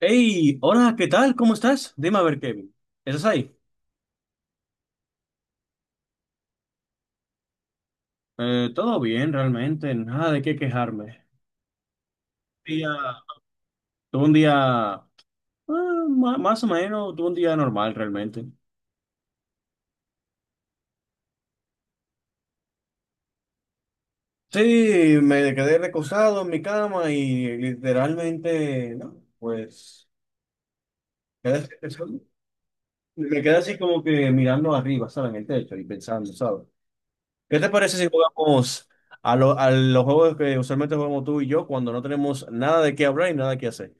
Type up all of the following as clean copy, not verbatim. Hey, hola, ¿qué tal? ¿Cómo estás? Dime a ver, Kevin. ¿Estás ahí? Todo bien, realmente, nada de qué quejarme. Día, Tuve un día, más o menos, tuve un día normal realmente. Sí, me quedé recostado en mi cama y literalmente, no, pues, quedé- me quedé así como que mirando arriba, ¿sabes? En el techo y pensando, ¿sabes? ¿Qué te parece si jugamos a, a los juegos que usualmente jugamos tú y yo cuando no tenemos nada de qué hablar y nada que hacer?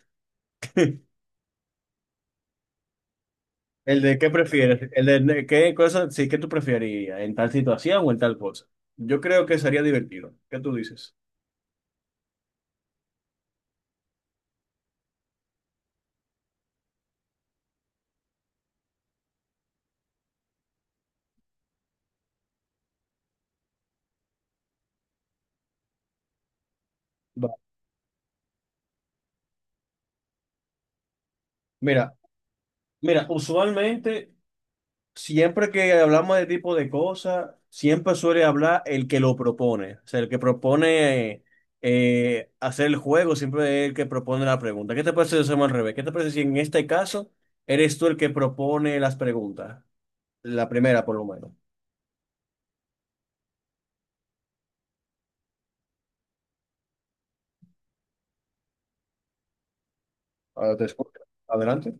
¿El de qué prefieres? ¿El de qué cosa, sí, qué tú preferirías? ¿En tal situación o en tal cosa? Yo creo que sería divertido. ¿Qué tú dices? Va. Mira, mira, usualmente, siempre que hablamos de tipo de cosas, siempre suele hablar el que lo propone. O sea, el que propone hacer el juego, siempre es el que propone la pregunta. ¿Qué te parece si lo hacemos al revés? ¿Qué te parece si en este caso eres tú el que propone las preguntas? La primera, por lo menos. Ahora te escucho. Adelante.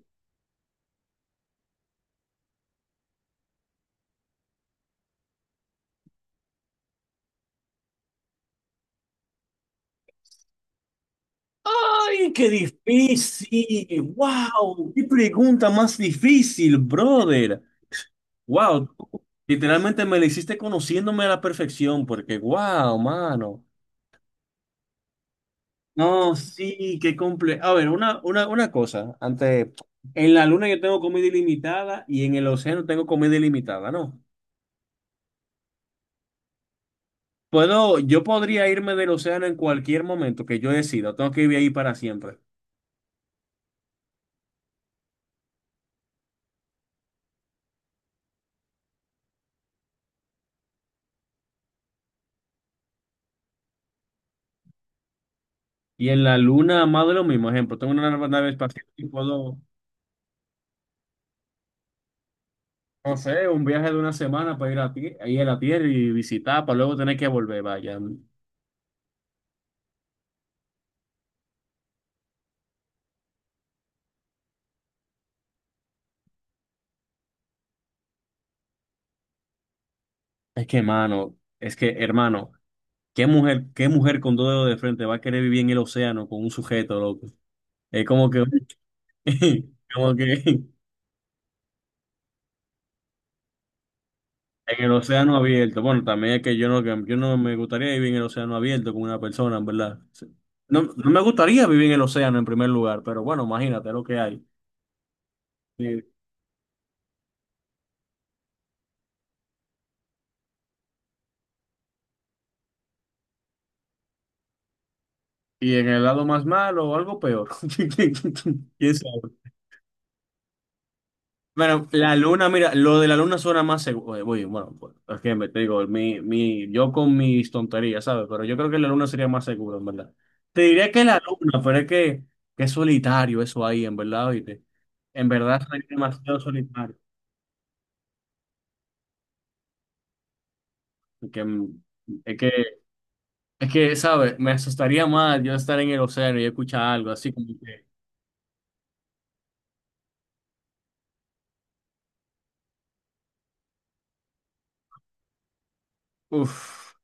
¡Ay, qué difícil! ¡Wow! ¡Qué pregunta más difícil, brother! ¡Wow! Literalmente me la hiciste conociéndome a la perfección, porque ¡wow, mano! No, sí, qué comple... A ver, una cosa. Antes, en la luna yo tengo comida ilimitada y en el océano tengo comida ilimitada, ¿no? Puedo, yo podría irme del océano en cualquier momento que yo decida. Tengo que vivir ahí para siempre. Y en la luna, más de lo mismo. Ejemplo, tengo una nave espacial y puedo... No sé, un viaje de una semana para ir a, ir a la tierra y visitar, para luego tener que volver, vaya. Es que, mano, es que, hermano, qué mujer con dos dedos de frente va a querer vivir en el océano con un sujeto, loco? Es como que, como que en el océano abierto. Bueno, también es que yo no me gustaría vivir en el océano abierto con una persona, en verdad. Sí. No, no me gustaría vivir en el océano en primer lugar, pero bueno, imagínate lo que hay. Y, y en el lado más malo, o algo peor. ¿Quién sabe? Bueno, la luna, mira, lo de la luna suena más seguro. Bueno, pues, es que me te digo, mi, yo con mis tonterías, ¿sabes? Pero yo creo que la luna sería más seguro, en verdad. Te diría que la luna, pero es que es solitario eso ahí, en verdad, oíste. En verdad sería demasiado solitario. Porque, es que, es que, ¿sabes? Me asustaría más yo estar en el océano y escuchar algo así como que, uff,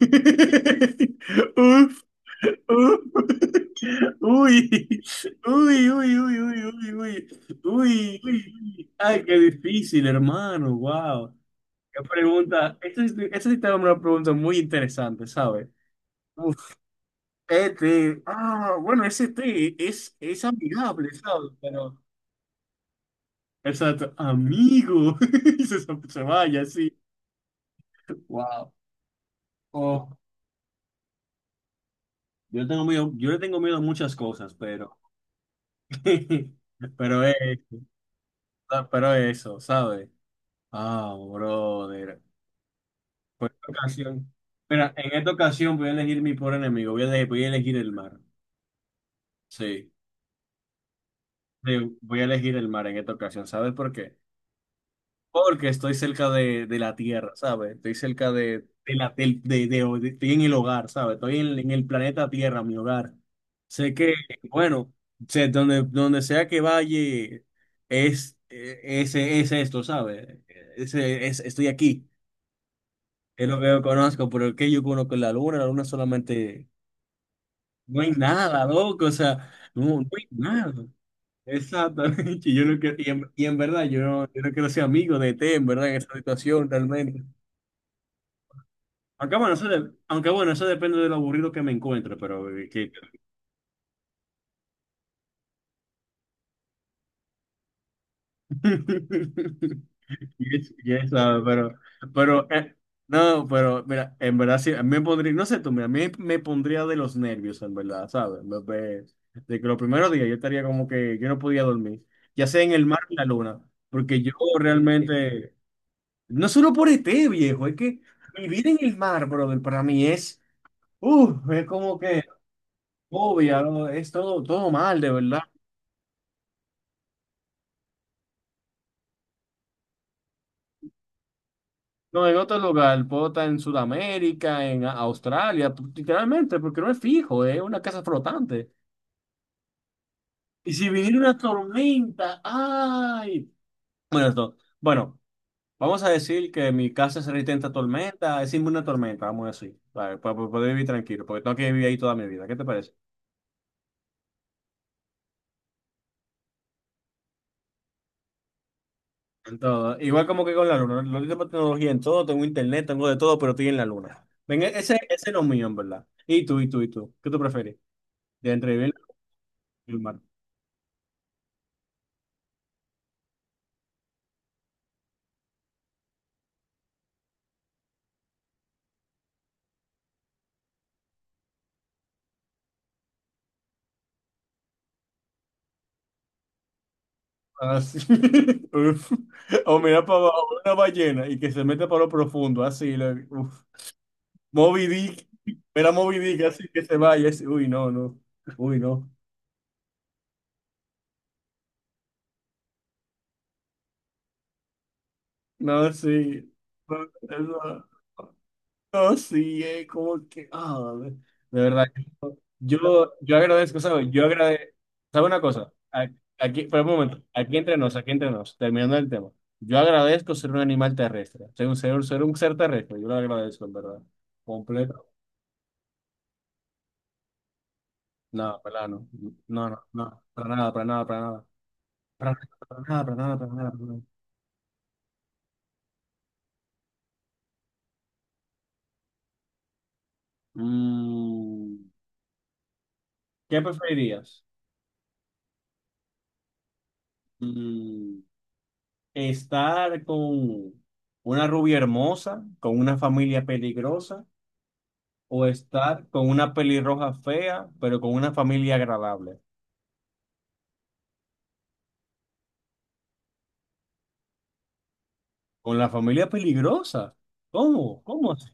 Uf, uf. Uy, uy, uy, uy, uy, uy, uy, uy, uy. Ay, qué difícil, hermano. Wow. Qué pregunta. Esta sí te va a dar una pregunta muy interesante, ¿sabes? Uf, este. Ah, bueno, ese té es amigable, ¿sabes? Pero. Exacto, amigo. Se, se vaya, sí. Wow. Oh, yo tengo miedo, yo le tengo miedo a muchas cosas, pero. Pero eso, pero eso, ¿sabes? Ah, brother. Por esta ocasión. Mira, en esta ocasión voy a elegir mi pobre enemigo. Voy a elegir el mar. Sí, sí, voy a elegir el mar en esta ocasión. ¿Sabes por qué? Porque estoy cerca de la tierra, ¿sabes? Estoy cerca de la de, de- estoy en el hogar, ¿sabes? Estoy en el planeta Tierra, mi hogar. Sé que, bueno, sé, donde, donde sea que vaya, es, ese es esto, ¿sabes? Ese, es, estoy aquí. Es lo que yo conozco, pero ¿qué yo conozco? La luna solamente, no hay nada, loco, o sea, no, no hay nada. Exactamente, yo no quiero, y en verdad, yo no, yo no quiero ser amigo de T, en verdad, en esta situación, realmente. Aunque bueno, aunque bueno, eso depende de lo aburrido que me encuentre, pero que- Yes, yes, ah, pero no, pero mira, en verdad sí, a mí me pondría, no sé tú, mira, a mí me pondría de los nervios, en verdad, ¿sabes? De que los primeros días yo estaría como que yo no podía dormir, ya sea en el mar o en la luna, porque yo realmente, no solo por ET, viejo, es que vivir en el mar, brother, para mí es como que... Obvio, es todo, todo mal, de verdad. No, en otro lugar, puedo estar en Sudamérica, en Australia, literalmente, porque no es fijo, es una casa flotante. Y si viniera una tormenta, ¡ay! Bueno, esto, bueno, vamos a decir que mi casa es resistente a tormenta, es inmune a tormenta, vamos a decir, para poder vivir tranquilo, porque tengo que vivir ahí toda mi vida, ¿qué te parece? En todo, igual como que con la luna, lo tengo tecnología en todo, tengo internet, tengo de todo, pero estoy en la luna. Venga, ese no es mío, en verdad. ¿Y tú, y tú, y tú? ¿Qué tú prefieres? ¿De entre vivir en el mar? Así. Uf. O mira para abajo una ballena y que se mete para lo profundo, así. Uf. Moby Dick. Mira Moby Dick, así que se vaya. Así. Uy, no, no. Uy, no. No, sí. No, no, no, sí, como que. De verdad. Yo, yo agradezco, ¿sabes? Yo agradezco. ¿Sabe una cosa? A- Aquí, por un momento. Aquí entre nos, aquí entre nos. Terminando el tema. Yo agradezco ser un animal terrestre. Ser un ser terrestre. Yo lo agradezco, en verdad. Completo. No, para nada, no. No, no, no. Para nada, para nada, para nada. Para nada, para nada, para nada, para nada. Mm, ¿Qué preferirías? Mm, ¿Estar con una rubia hermosa, con una familia peligrosa, o estar con una pelirroja fea, pero con una familia agradable? ¿Con la familia peligrosa? ¿Cómo? ¿Cómo así?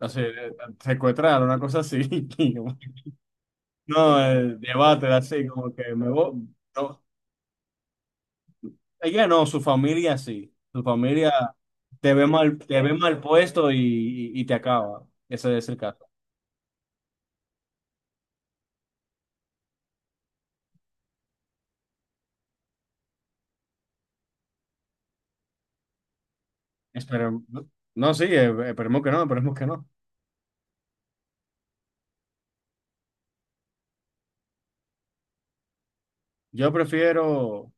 O sea, secuestrar, una cosa así. No, el debate así, como que me voy. No, ella no, su familia sí. Su familia te ve mal puesto y, y te acaba. Ese es el caso. Esperemos. No, sí, esperemos que no, esperemos que no. Yo prefiero,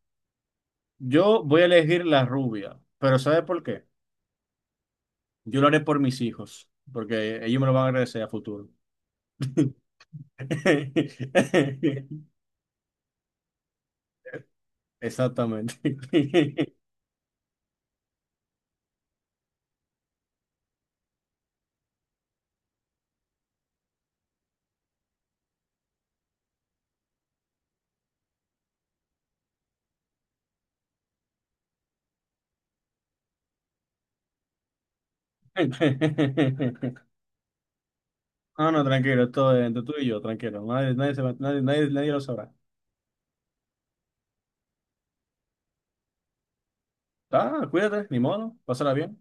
yo voy a elegir la rubia, pero ¿sabes por qué? Yo lo haré por mis hijos, porque ellos me lo van a agradecer a futuro. Exactamente. No, no, tranquilo, esto es entre tú y yo, tranquilo. Nadie, nadie, nadie, nadie lo sabrá. Ah, cuídate, ni modo, pásala bien.